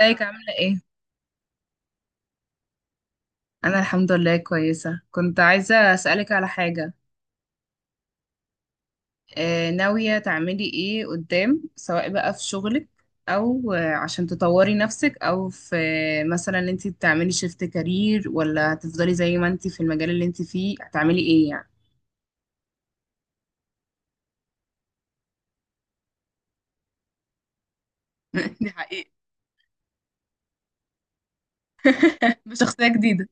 ازيك عاملة ايه؟ أنا الحمد لله كويسة. كنت عايزة أسألك على حاجة. ناوية تعملي ايه قدام، سواء بقى في شغلك أو عشان تطوري نفسك، أو في مثلا ان انت تعملي شيفت كارير ولا هتفضلي زي ما انت في المجال اللي انت فيه، هتعملي ايه يعني؟ دي حقيقة. بشخصية جديدة.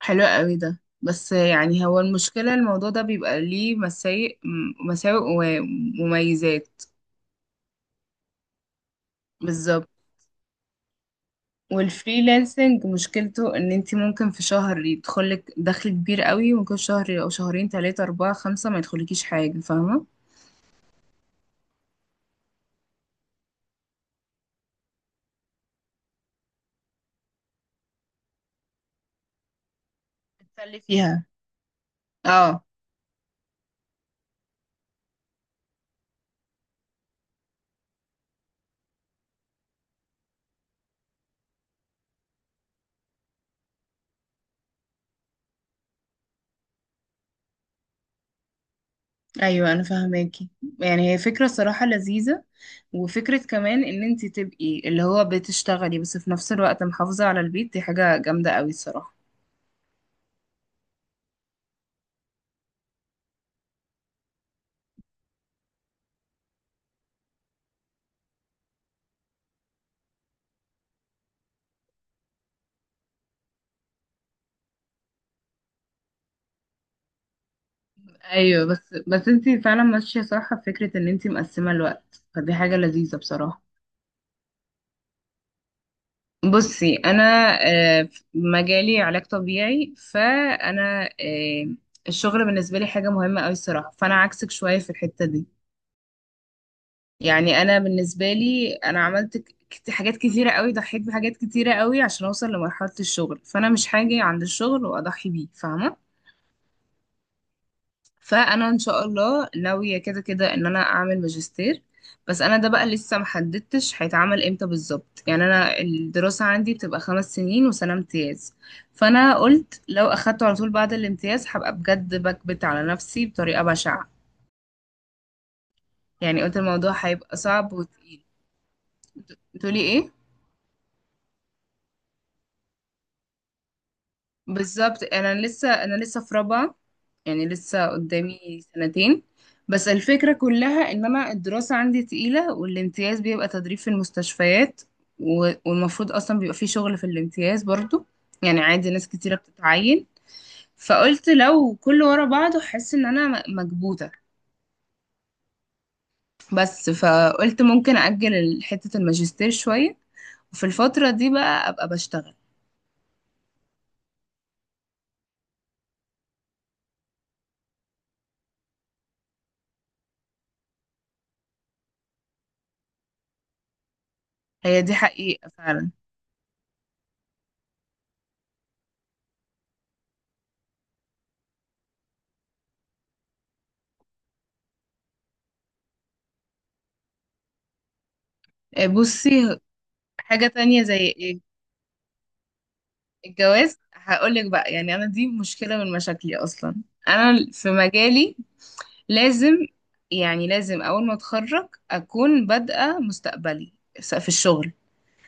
حلو قوي ده، بس يعني هو المشكلة الموضوع ده بيبقى ليه مساوئ ومميزات. بالظبط. والفريلانسنج مشكلته ان انت ممكن في شهر يدخلك دخل كبير قوي، وممكن شهر او شهرين ثلاثة اربعة خمسة ما يدخلكيش حاجة، فاهمة؟ تتسلي فيها. اه، ايوه انا فاهماكي. يعني هي فكرة صراحة لذيذة، وفكرة كمان ان انت تبقي اللي هو بتشتغلي بس في نفس الوقت محافظة على البيت، دي حاجة جامدة قوي الصراحة. ايوه، بس انت فعلا ماشية صح في فكرة ان انت مقسمة الوقت، فدي حاجة لذيذة بصراحة. بصي انا، في مجالي علاج طبيعي، فانا الشغل بالنسبه لي حاجه مهمه قوي الصراحه، فانا عكسك شويه في الحته دي. يعني انا بالنسبه لي عملت حاجات كتيره قوي، ضحيت بحاجات كتيره قوي عشان اوصل لمرحله الشغل، فانا مش هاجي عند الشغل واضحي بيه، فاهمه. فانا ان شاء الله ناويه كده كده ان انا اعمل ماجستير، بس انا ده بقى لسه محددتش هيتعمل امتى بالظبط. يعني انا الدراسه عندي بتبقى 5 سنين وسنه امتياز، فانا قلت لو اخدته على طول بعد الامتياز هبقى بجد بكبت على نفسي بطريقه بشعه. يعني قلت الموضوع هيبقى صعب وتقيل. بتقولي ايه؟ بالظبط انا لسه في رابعه، يعني لسه قدامي سنتين. بس الفكره كلها ان انا الدراسه عندي تقيله، والامتياز بيبقى تدريب في المستشفيات، والمفروض اصلا بيبقى في شغل في الامتياز برضو. يعني عادي ناس كتيره بتتعين. فقلت لو كله ورا بعضه حاسه ان انا مكبوته. بس فقلت ممكن اجل حته الماجستير شويه، وفي الفتره دي بقى ابقى بشتغل. هي دي حقيقه فعلا. بصي. حاجه تانية زي ايه؟ الجواز هقولك بقى، يعني انا دي مشكله من مشاكلي اصلا. انا في مجالي لازم، يعني لازم اول ما اتخرج اكون بادئه مستقبلي في الشغل،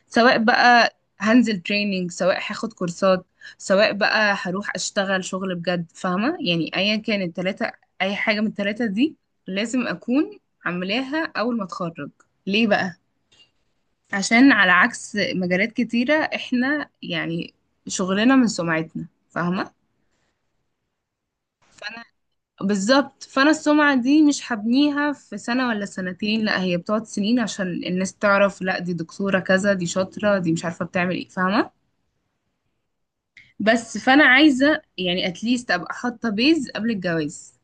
سواء بقى هنزل تريننج، سواء هاخد كورسات، سواء بقى هروح اشتغل شغل بجد، فاهمه؟ يعني ايا كان التلاته، اي حاجه من التلاته دي لازم اكون عاملاها اول ما اتخرج. ليه بقى؟ عشان على عكس مجالات كتيرة، احنا يعني شغلنا من سمعتنا، فاهمة؟ فانا بالظبط، فانا السمعة دي مش هبنيها في سنة ولا سنتين، لا هي بتقعد سنين عشان الناس تعرف لا دي دكتورة كذا، دي شاطرة، دي مش عارفة بتعمل ايه، فاهمة؟ بس فانا عايزة يعني اتليست ابقى حاطة بيز قبل الجواز.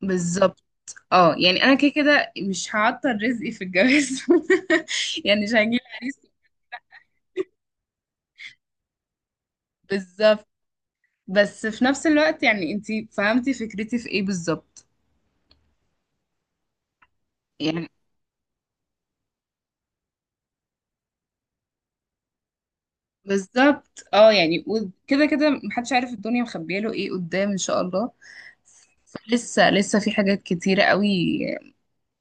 بالظبط، اه يعني انا كده كده مش هعطل رزقي في الجواز. يعني مش هجيب عريس. بالظبط. بس في نفس الوقت يعني انتي فهمتي فكرتي في ايه بالظبط؟ يعني بالظبط اه، يعني وكده كده محدش عارف الدنيا مخبيه له ايه قدام، ان شاء الله. لسه لسه في حاجات كتيرة قوي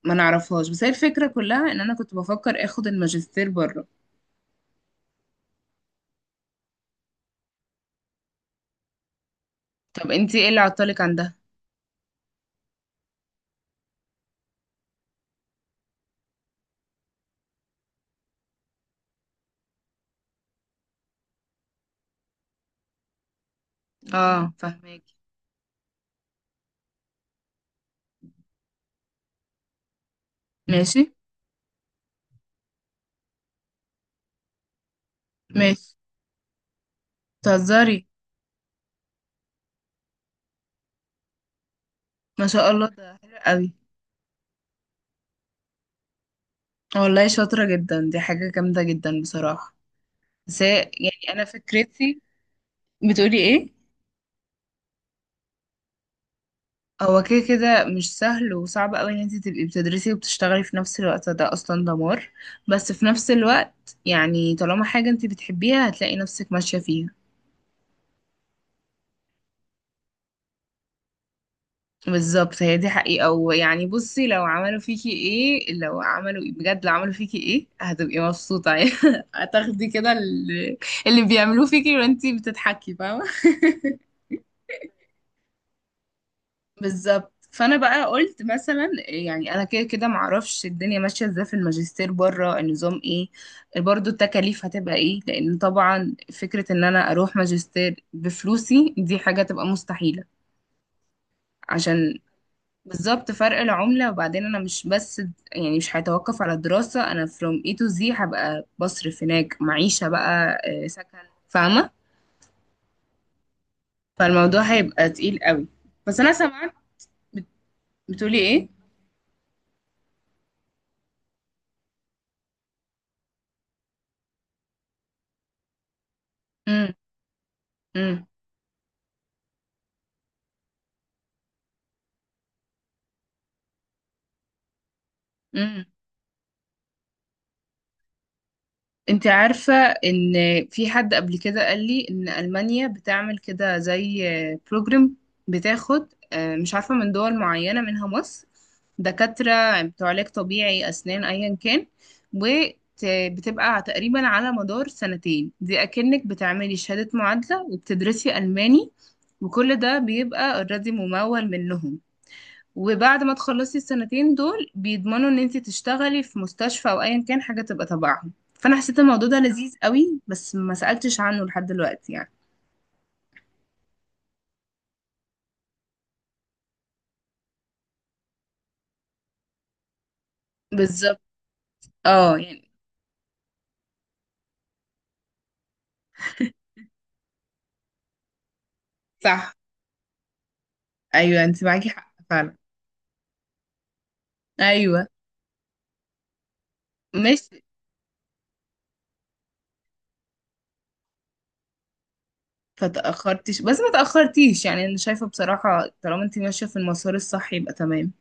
ما نعرفهاش، بس هي الفكرة كلها ان انا كنت بفكر اخد الماجستير بره. طب انتي ايه اللي عطلك عن ده؟ اه، فهماكي. ماشي. ماشي. تهزري. ما شاء الله، ده حلو قوي. والله شاطرة جدا، دي حاجة جامدة جدا بصراحة. بس يعني انا فكرتي. بتقولي ايه؟ هو كده كده مش سهل، وصعب قوي ان انت تبقي بتدرسي وبتشتغلي في نفس الوقت ده اصلا دمار. بس في نفس الوقت يعني طالما حاجة انت بتحبيها هتلاقي نفسك ماشية فيها. بالظبط، هي دي حقيقة. ويعني بصي لو عملوا فيكي ايه، لو عملوا ايه، بجد لو عملوا فيكي ايه هتبقي مبسوطة. يعني هتاخدي كده اللي بيعملوه فيكي وانتي بتضحكي، فاهمة؟ بالظبط. فانا بقى قلت مثلا يعني انا كده كده معرفش الدنيا ماشيه ازاي في الماجستير بره، النظام ايه، برضو التكاليف هتبقى ايه، لان طبعا فكره ان انا اروح ماجستير بفلوسي دي حاجه تبقى مستحيله. عشان بالظبط فرق العمله. وبعدين انا مش بس، يعني مش هيتوقف على الدراسه، انا from A to Z هبقى بصرف هناك معيشه بقى، سكن، فاهمه؟ فالموضوع هيبقى تقيل قوي. بس انا سمعت. بتقولي ايه؟ امم امم انت عارفة ان في حد قبل كده قال لي ان ألمانيا بتعمل كده زي بروجرام، بتاخد مش عارفة من دول معينة منها مصر، دكاترة بتوع علاج طبيعي أسنان أيا كان، وبتبقى تقريبا على مدار سنتين دي أكنك بتعملي شهادة معادلة وبتدرسي ألماني، وكل ده بيبقى اوريدي ممول منهم. وبعد ما تخلصي السنتين دول بيضمنوا ان انت تشتغلي في مستشفى او ايا كان حاجه تبقى تبعهم، فانا حسيت الموضوع ده لذيذ قوي بس ما سالتش عنه لحد دلوقتي يعني. بالظبط، اه يعني صح. ايوه انت معاكي حق فعلا. ايوه. ماشي. فتاخرتيش، بس ما تاخرتيش، يعني انا شايفه بصراحه طالما انت ماشيه في المسار الصح يبقى تمام.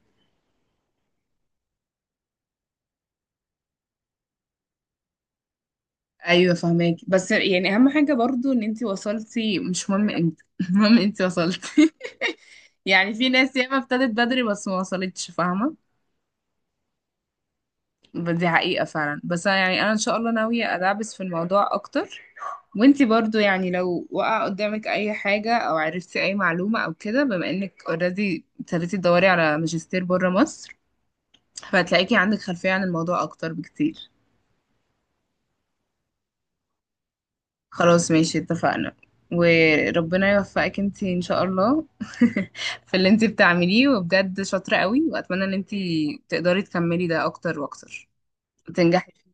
ايوه فهماك، بس يعني اهم حاجه برضو ان انت وصلتي مش مهم امتى. المهم انت وصلتي. يعني في ناس ياما ابتدت بدري بس ما وصلتش، فاهمه؟ دي حقيقه فعلا. بس أنا يعني انا ان شاء الله ناويه ادعبس في الموضوع اكتر. وانت برضو يعني لو وقع قدامك اي حاجه او عرفتي اي معلومه او كده، بما انك اوريدي ابتديتي تدوري على ماجستير بره مصر، فهتلاقيكي عندك خلفيه عن الموضوع اكتر بكتير. خلاص ماشي اتفقنا. وربنا يوفقك انتي ان شاء الله. في اللي انتي بتعمليه، وبجد شاطرة قوي، واتمنى ان انتي تقدري تكملي ده اكتر واكتر وتنجحي فيه.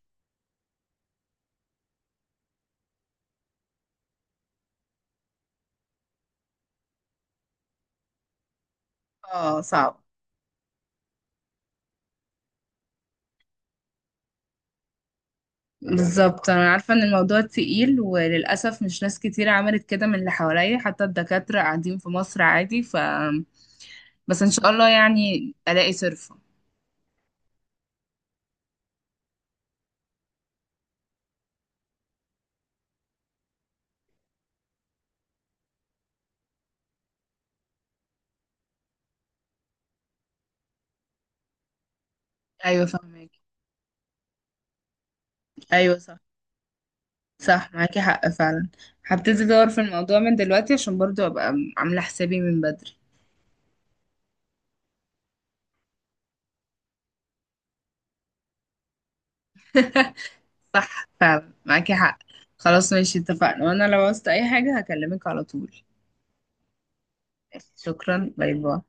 اه صعب. بالظبط، انا عارفة ان الموضوع تقيل، وللأسف مش ناس كتير عملت كده من اللي حواليا حتى الدكاترة قاعدين في مصر عادي. بس ان شاء الله يعني الاقي صرفة. ايوه فاهمك. ايوه صح. صح معاكي حق فعلا. هبتدي ادور في الموضوع من دلوقتي عشان برضو ابقى عاملة حسابي من بدري. صح فعلا معاكي حق. خلاص ماشي اتفقنا، وانا لو عوزت اي حاجة هكلمك على طول. شكرا، باي باي.